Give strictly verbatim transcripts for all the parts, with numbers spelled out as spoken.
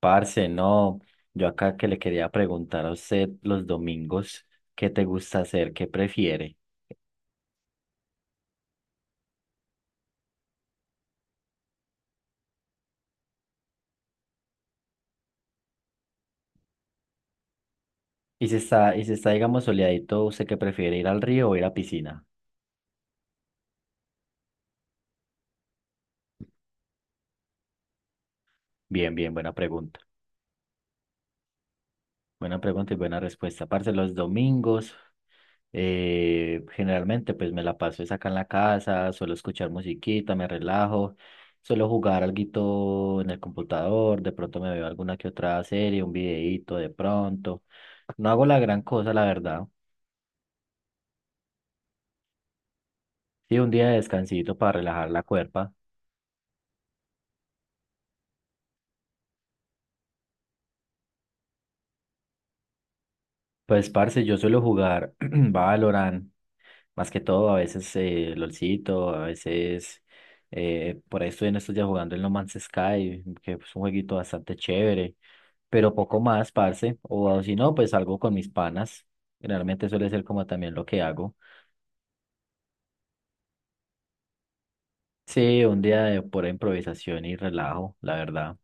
Parce, no, yo acá que le quería preguntar a usted los domingos, ¿qué te gusta hacer? ¿Qué prefiere? Y si está, y si está, digamos, soleadito, ¿usted qué prefiere, ir al río o ir a piscina? Bien, bien, buena pregunta. Buena pregunta y buena respuesta. Parce, los domingos, eh, generalmente, pues me la paso es acá en la casa, suelo escuchar musiquita, me relajo, suelo jugar alguito en el computador, de pronto me veo alguna que otra serie, un videíto de pronto. No hago la gran cosa, la verdad. Sí, un día de descansito para relajar la cuerpa. Pues, parce, yo suelo jugar Valorant, más que todo, a veces eh, LOLcito, a veces eh, por ahí estoy en estos días jugando el No Man's Sky, que es un jueguito bastante chévere, pero poco más, parce, o si no, pues algo con mis panas. Generalmente suele ser como también lo que hago. Sí, un día de pura improvisación y relajo, la verdad.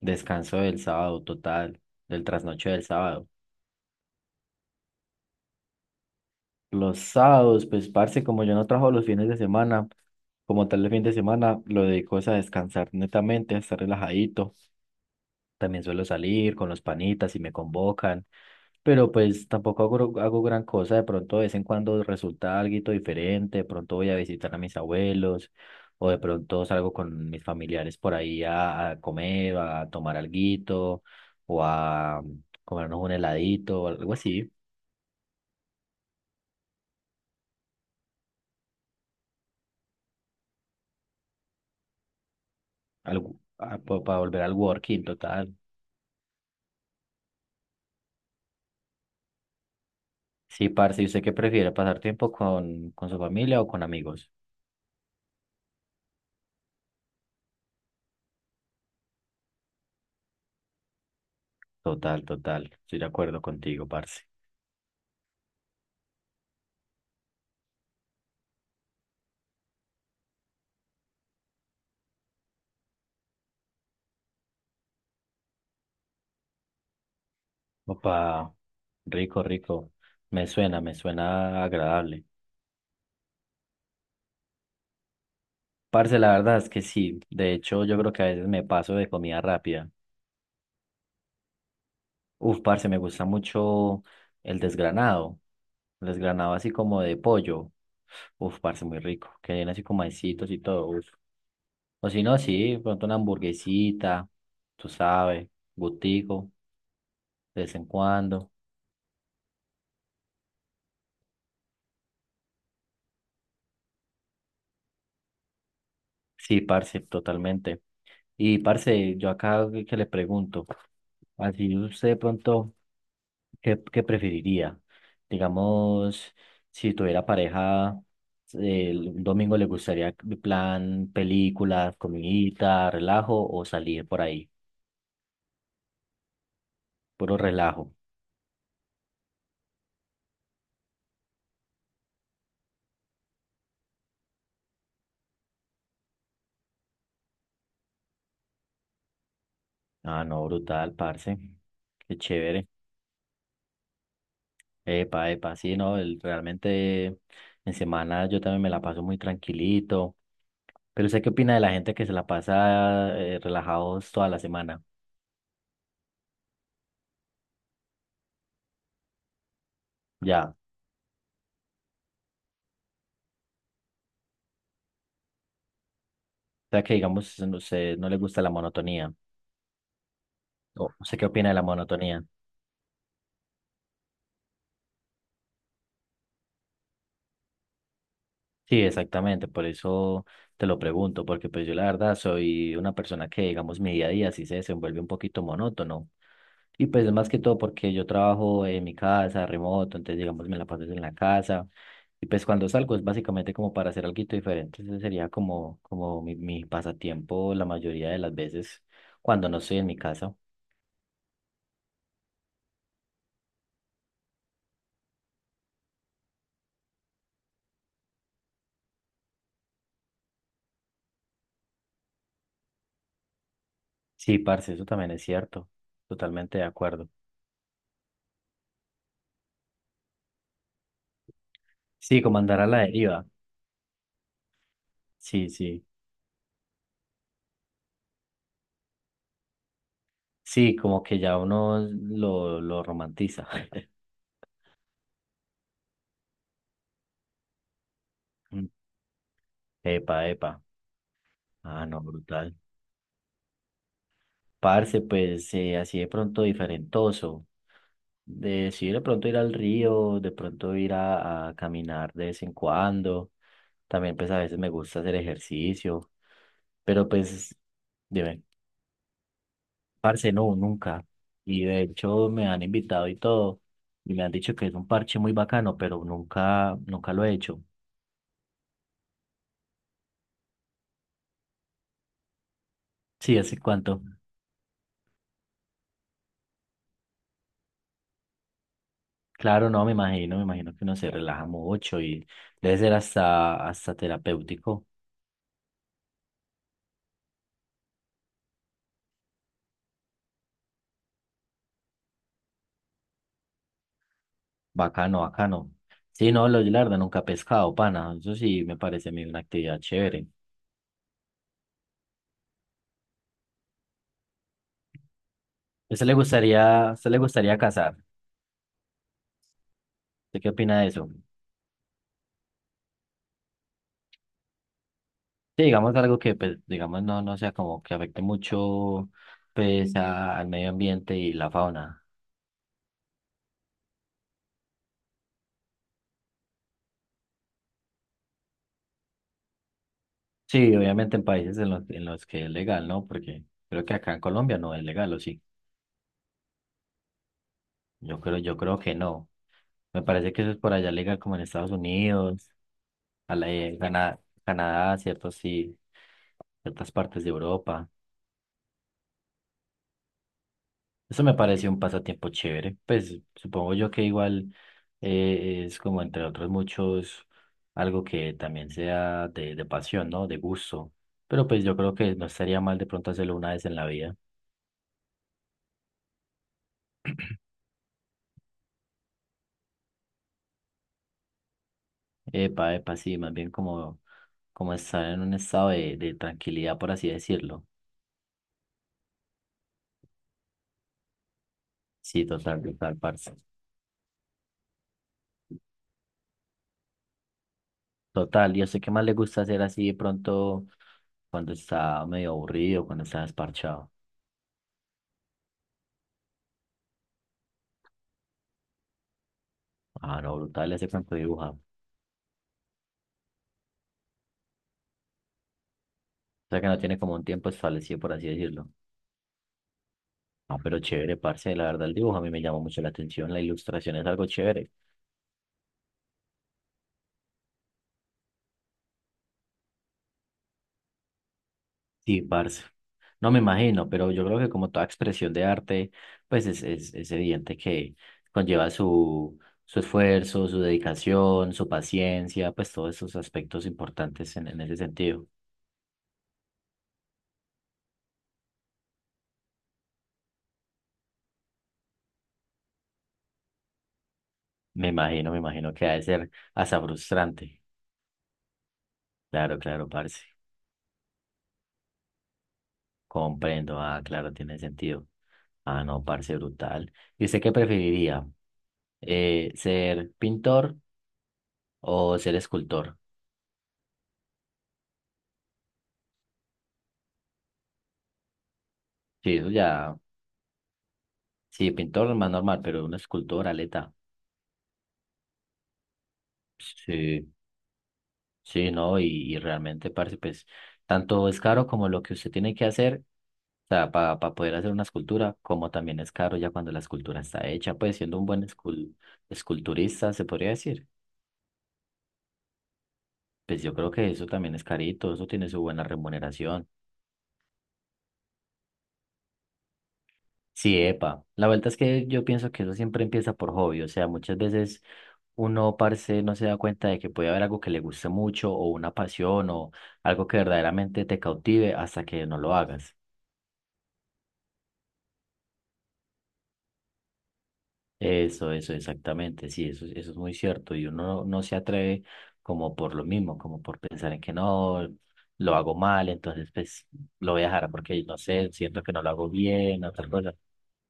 Descanso del sábado total, del trasnoche del sábado. Los sábados, pues, parce, como yo no trabajo los fines de semana, como tal el fin de semana, lo dedico es a descansar netamente, a estar relajadito. También suelo salir con los panitas si me convocan, pero pues tampoco hago, hago gran cosa. De pronto, de vez en cuando resulta algo diferente. De pronto voy a visitar a mis abuelos, o de pronto salgo con mis familiares por ahí a, a comer, a tomar alguito, o a mm, comernos un heladito, o algo así, algo, para volver al working total. Sí, parce, ¿y usted qué prefiere? ¿Pasar tiempo con, con su familia o con amigos? Total, total. Estoy de acuerdo contigo, parce. Opa, rico, rico. Me suena, me suena agradable. Parce, la verdad es que sí. De hecho, yo creo que a veces me paso de comida rápida. Uf, parce, me gusta mucho el desgranado. El desgranado así como de pollo. Uf, parce, muy rico. Que viene así con maicitos y todo. Uf. O si no, sí, pronto una hamburguesita, tú sabes, gustico de vez en cuando. Sí, parce, totalmente. Y parce, yo acá que que le pregunto, así usted de pronto, ¿qué, qué preferiría? Digamos, si tuviera pareja, el un domingo le gustaría de plan películas, comidita, relajo o salir por ahí, puro relajo. Ah, no, brutal, parce. Qué chévere. Epa, epa, sí, no, el- realmente en semana yo también me la paso muy tranquilito. Pero sé qué opina de la gente que se la pasa eh, relajados toda la semana. Ya. O sea que digamos, no sé, no le gusta la monotonía. O sé qué opina de la monotonía. Sí, exactamente, por eso te lo pregunto, porque pues yo la verdad soy una persona que, digamos, mi día a día sí se desenvuelve un poquito monótono. Y pues más que todo porque yo trabajo en mi casa, remoto, entonces digamos me la paso en la casa. Y pues cuando salgo es básicamente como para hacer algo diferente. Ese sería como, como mi, mi pasatiempo la mayoría de las veces cuando no estoy en mi casa. Sí, parce, eso también es cierto. Totalmente de acuerdo. Sí, como andar a la deriva. Sí, sí. Sí, como que ya uno lo, lo romantiza. Mm. Epa, epa. Ah, no, brutal. Parce, pues eh, así de pronto diferentoso. De, sí, de pronto ir al río, de pronto ir a, a caminar de vez en cuando. También pues a veces me gusta hacer ejercicio. Pero pues, dime, parce, no, nunca. Y de hecho me han invitado y todo. Y me han dicho que es un parche muy bacano, pero nunca, nunca lo he hecho. Sí, ¿hace cuánto? Claro, no, me imagino, me imagino que uno se relaja mucho y debe ser hasta, hasta terapéutico. Bacano, bacano. Sí, no, lo, yo la verdad nunca he pescado, pana. Eso sí me parece a mí una actividad chévere. ¿A usted le gustaría, a usted le gustaría cazar? ¿Usted qué opina de eso? Sí, digamos algo que, pues, digamos, no, no sea como que afecte mucho, pues, a- al medio ambiente y la fauna. Sí, obviamente en países en los, en los que es legal, ¿no? Porque creo que acá en Colombia no es legal, ¿o sí? Yo creo, yo creo que no. Me parece que eso es por allá legal como en Estados Unidos, a la, eh, Cana- Canadá, ciertos sí, ciertas partes de Europa. Eso me parece un pasatiempo chévere. Pues supongo yo que igual eh, es como entre otros muchos algo que también sea de, de pasión, ¿no? De gusto. Pero pues yo creo que no estaría mal de pronto hacerlo una vez en la vida. Epa, epa, sí, más bien como, como estar en un estado de, de tranquilidad, por así decirlo. Sí, total, total, parce. Total, yo sé qué más le gusta hacer así de pronto cuando está medio aburrido, cuando está desparchado. Ah, no, brutal ese campo de dibujar. O sea que no tiene como un tiempo establecido, por así decirlo. Ah, pero chévere, parce, la verdad el dibujo a mí me llama mucho la atención, la ilustración es algo chévere. Sí, parce. No me imagino, pero yo creo que como toda expresión de arte, pues es, es, es evidente que conlleva su, su esfuerzo, su dedicación, su paciencia, pues todos esos aspectos importantes en, en ese sentido. Me imagino, me imagino que ha de ser hasta frustrante. Claro, claro, parce. Comprendo. Ah, claro, tiene sentido. Ah, no, parce, brutal. ¿Y usted qué preferiría? Eh, ¿ser pintor o ser escultor? Sí, eso ya. Sí, pintor más normal, pero un escultor, aleta. Sí. Sí, ¿no? Y, y realmente, parce, pues, tanto es caro como lo que usted tiene que hacer, o sea, para poder hacer una escultura, como también es caro ya cuando la escultura está hecha, pues, siendo un buen escul- esculturista, se podría decir. Pues yo creo que eso también es carito, eso tiene su buena remuneración. Sí, epa. La vuelta es que yo pienso que eso siempre empieza por hobby, o sea, muchas veces uno, parce, no se da cuenta de que puede haber algo que le guste mucho o una pasión o algo que verdaderamente te cautive hasta que no lo hagas. Eso, eso, exactamente, sí, eso, eso es muy cierto. Y uno no, no se atreve como por lo mismo, como por pensar en que no, lo hago mal, entonces pues lo voy a dejar porque no sé, siento que no lo hago bien, otra cosa.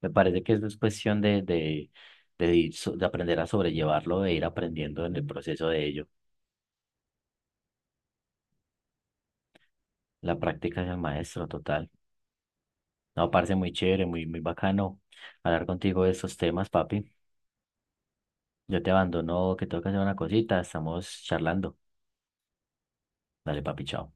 Me parece que eso es cuestión de, de, de, ir so- de aprender a sobrellevarlo, de ir aprendiendo en el proceso de ello. La práctica es el maestro, total. No, parce, muy chévere, muy, muy bacano hablar contigo de estos temas, papi. Yo te abandono, que tengo que hacer una cosita, estamos charlando. Dale, papi, chao.